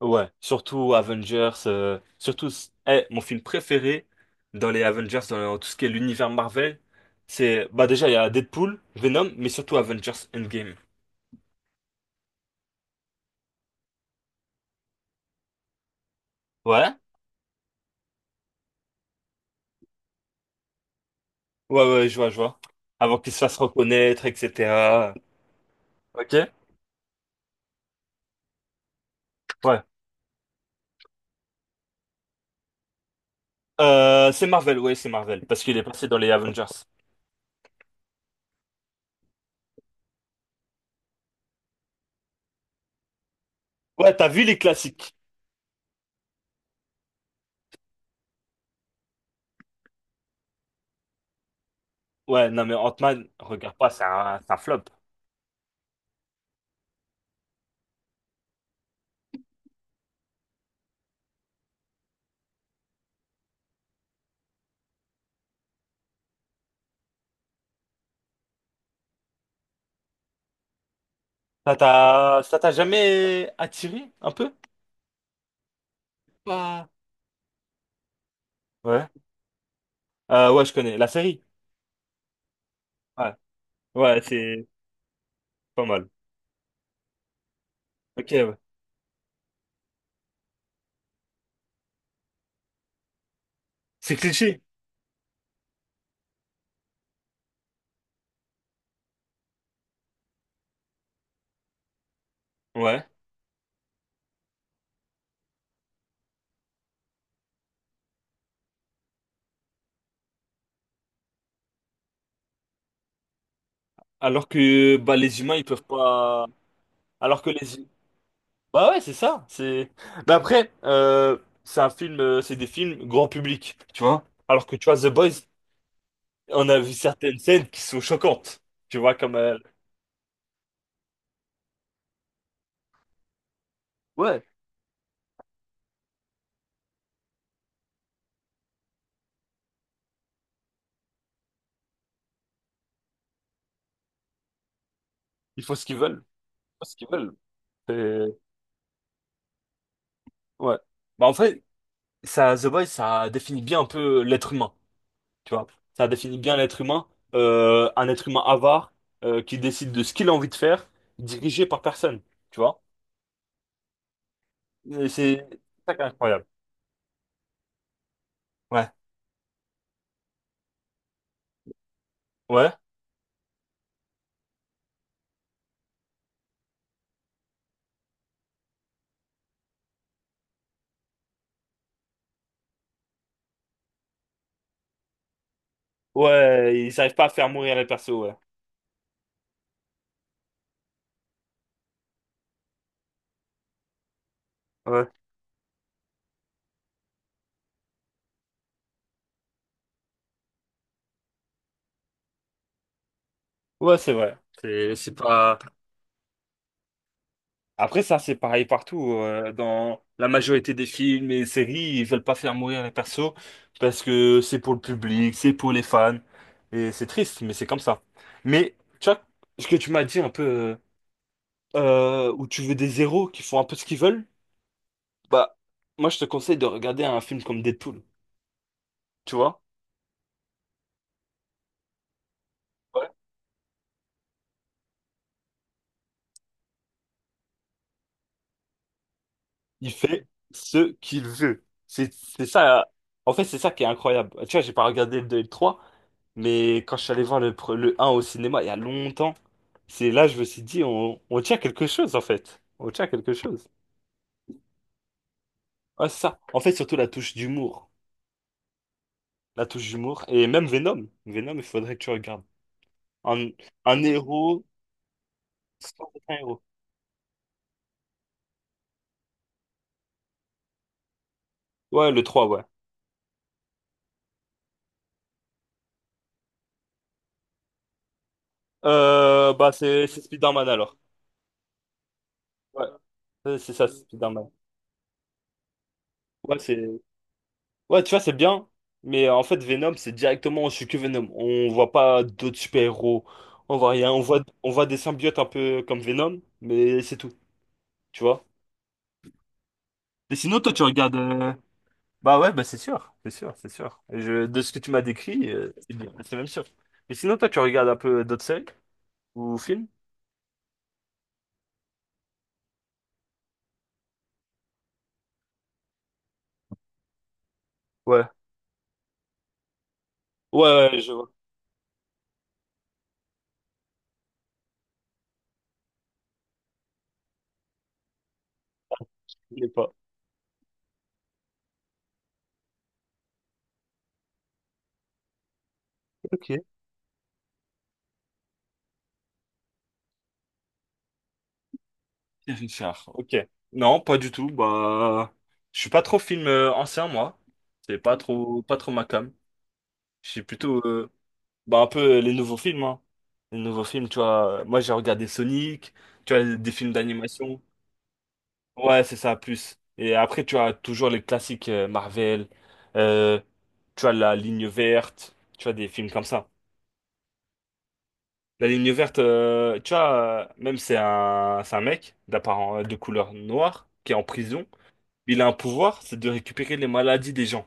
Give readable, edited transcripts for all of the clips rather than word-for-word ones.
Ouais, surtout Avengers, surtout, mon film préféré dans les Avengers, dans tout ce qui est l'univers Marvel, c'est, bah déjà, il y a Deadpool, Venom, mais surtout Avengers Endgame. Ouais? Ouais, ouais, je vois, je vois. Avant qu'il se fasse reconnaître, etc. Ok? Ouais. C'est Marvel, ouais, c'est Marvel, parce qu'il est passé dans les Avengers. Ouais, t'as vu les classiques. Ouais, non, mais Ant-Man, regarde pas, c'est un flop. Ça t'a jamais attiré, un peu? Pas. Ouais. Ouais, je connais. La série? Ouais, ouais, c'est pas mal. Ok, ouais. C'est cliché. Ouais. Alors que bah les humains ils peuvent pas. Alors que les. Bah ouais, c'est ça. C'est. Mais après, c'est un film, c'est des films grand public, tu vois. Alors que tu vois The Boys, on a vu certaines scènes qui sont choquantes, tu vois comme. Ouais, ils font ce qu'ils veulent, ils font ce qu'ils veulent. Et... Ouais. Bah en fait, ça, The Boys, ça définit bien un peu l'être humain. Tu vois, ça définit bien l'être humain. Un être humain avare qui décide de ce qu'il a envie de faire, dirigé par personne. Tu vois? Et c'est ça qui est incroyable. Ouais. Ouais. Ouais, ils n'arrivent pas à faire mourir les persos, ouais. Ouais. Ouais, c'est vrai. C'est pas. Après, ça, c'est pareil partout. Dans la majorité des films et séries, ils veulent pas faire mourir les persos parce que c'est pour le public, c'est pour les fans. Et c'est triste, mais c'est comme ça. Mais, tu vois, ce que tu m'as dit un peu. Où tu veux des héros qui font un peu ce qu'ils veulent, bah, moi, je te conseille de regarder un film comme Deadpool, tu vois? Ouais. Il fait ce qu'il veut. C'est ça, en fait, c'est ça qui est incroyable. Tu vois, j'ai pas regardé le 2 et le 3, mais quand je suis allé voir le un au cinéma il y a longtemps, c'est là, je me suis dit, on tient quelque chose, en fait. On tient quelque chose. Ouais, c'est ça. En fait, surtout la touche d'humour. La touche d'humour. Et même Venom. Venom, il faudrait que tu regardes. Un, un héros sans être un héros. Ouais, le 3 ouais. Bah c'est Spider-Man alors. Ouais, c'est ça, c'est Spider-Man. Ouais, c'est ouais, tu vois, c'est bien, mais en fait Venom, c'est directement je suis que Venom. On voit pas d'autres super-héros. On voit rien, on voit des symbiotes un peu comme Venom, mais c'est tout, tu vois. Et sinon toi tu regardes bah ouais, bah c'est sûr, c'est sûr, c'est sûr. Et je... De ce que tu m'as décrit, c'est bien, c'est même sûr. Mais sinon toi tu regardes un peu d'autres séries ou films? Ouais. Ouais, ouais, je vois. Je connais pas. Ok. Pierre Richard, ok. Non, pas du tout. Bah, je suis pas trop film ancien, moi. C'est pas trop, pas trop ma came. Je suis plutôt, bah, un peu les nouveaux films, hein. Les nouveaux films, tu vois. Moi, j'ai regardé Sonic, tu vois, des films d'animation. Ouais, c'est ça, plus. Et après, tu as toujours les classiques Marvel, euh, tu as La Ligne Verte, tu vois, des films comme ça. La Ligne Verte, tu vois, même c'est un mec d'apparence, de couleur noire qui est en prison. Il a un pouvoir, c'est de récupérer les maladies des gens,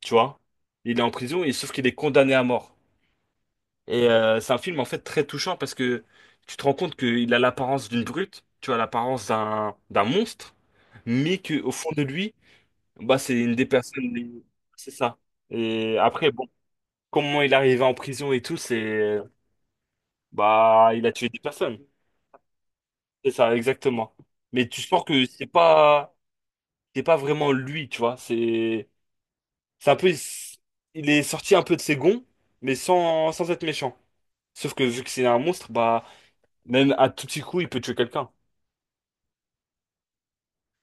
tu vois. Il est en prison et sauf qu'il est condamné à mort. Et c'est un film en fait très touchant parce que tu te rends compte qu'il a l'apparence d'une brute, tu as l'apparence d'un monstre, mais que au fond de lui, bah c'est une des personnes, c'est ça. Et après bon, comment il est arrivé en prison et tout, c'est bah il a tué des personnes, c'est ça exactement. Mais tu sens que c'est pas vraiment lui, tu vois, c'est un peu, il est sorti un peu de ses gonds, mais sans, sans être méchant. Sauf que vu que c'est un monstre, bah, même à tout petit coup, il peut tuer quelqu'un.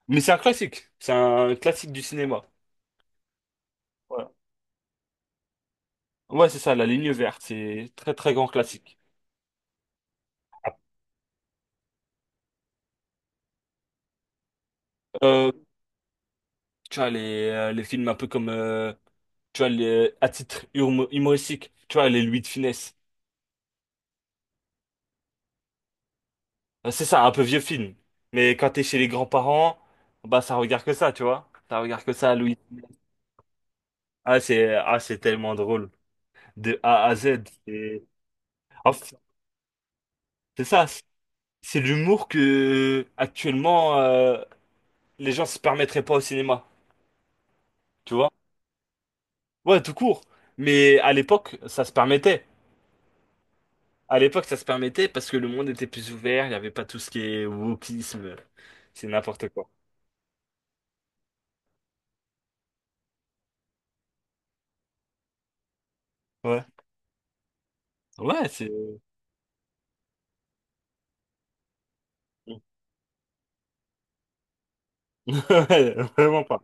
Mais c'est un classique. C'est un classique du cinéma. Voilà. Ouais, c'est ça, La Ligne Verte. C'est très, très grand classique. Euh, Tu vois, les films un peu comme, tu vois, à titre humoristique, tu vois, les Louis de Funès. C'est ça, un peu vieux film. Mais quand t'es chez les grands-parents, bah, ça regarde que ça, tu vois. Ça regarde que ça, Louis. Ah, ah, c'est tellement drôle. De A à Z. C'est en fait, c'est ça, c'est l'humour que actuellement les gens se permettraient pas au cinéma, tu vois? Ouais, tout court. Mais à l'époque, ça se permettait. À l'époque, ça se permettait parce que le monde était plus ouvert, il n'y avait pas tout ce qui est wokisme, c'est n'importe quoi. Ouais. Ouais, c'est... Ouais, vraiment pas.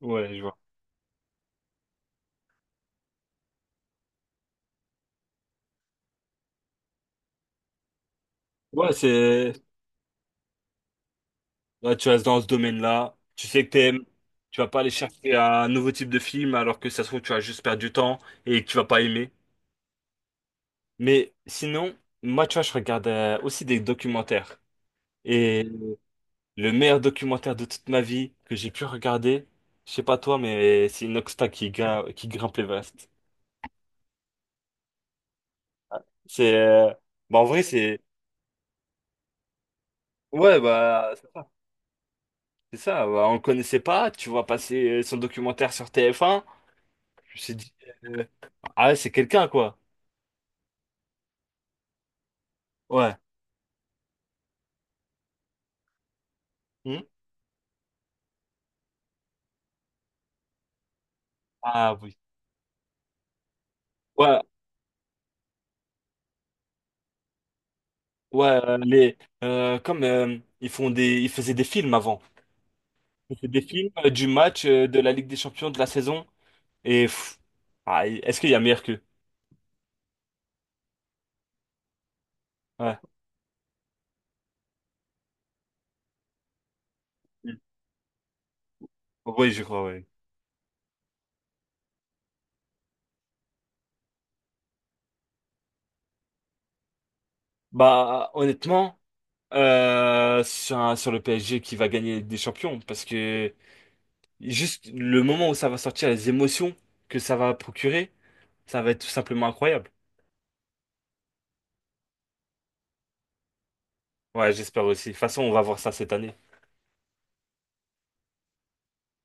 Ouais, je vois. Ouais, c'est... Ouais, tu restes dans ce domaine-là. Tu sais que t'aimes. Tu vas pas aller chercher un nouveau type de film alors que ça se trouve tu vas juste perdre du temps et que tu vas pas aimer. Mais sinon, moi tu vois, je regarde aussi des documentaires. Et le meilleur documentaire de toute ma vie que j'ai pu regarder, je sais pas toi, mais c'est Inoxtag qui grimpe l'Everest. C'est, bah, en vrai c'est, ouais bah c'est ça. C'est ça, bah, on le connaissait pas. Tu vois passer son documentaire sur TF1. Je me suis dit, euh, ah ouais, c'est quelqu'un quoi. Ouais. Hmm? Ah oui. Ouais, ouais, comme ils font des, ils faisaient des films avant. Ils faisaient des films du match de la Ligue des Champions de la saison. Et pff, ah, est-ce qu'il y a meilleur qu'eux? Ouais. Oui, je crois, oui. Bah, honnêtement, sur le PSG qui va gagner la Ligue des Champions, parce que juste le moment où ça va sortir, les émotions que ça va procurer, ça va être tout simplement incroyable. Ouais, j'espère aussi. De toute façon, on va voir ça cette année.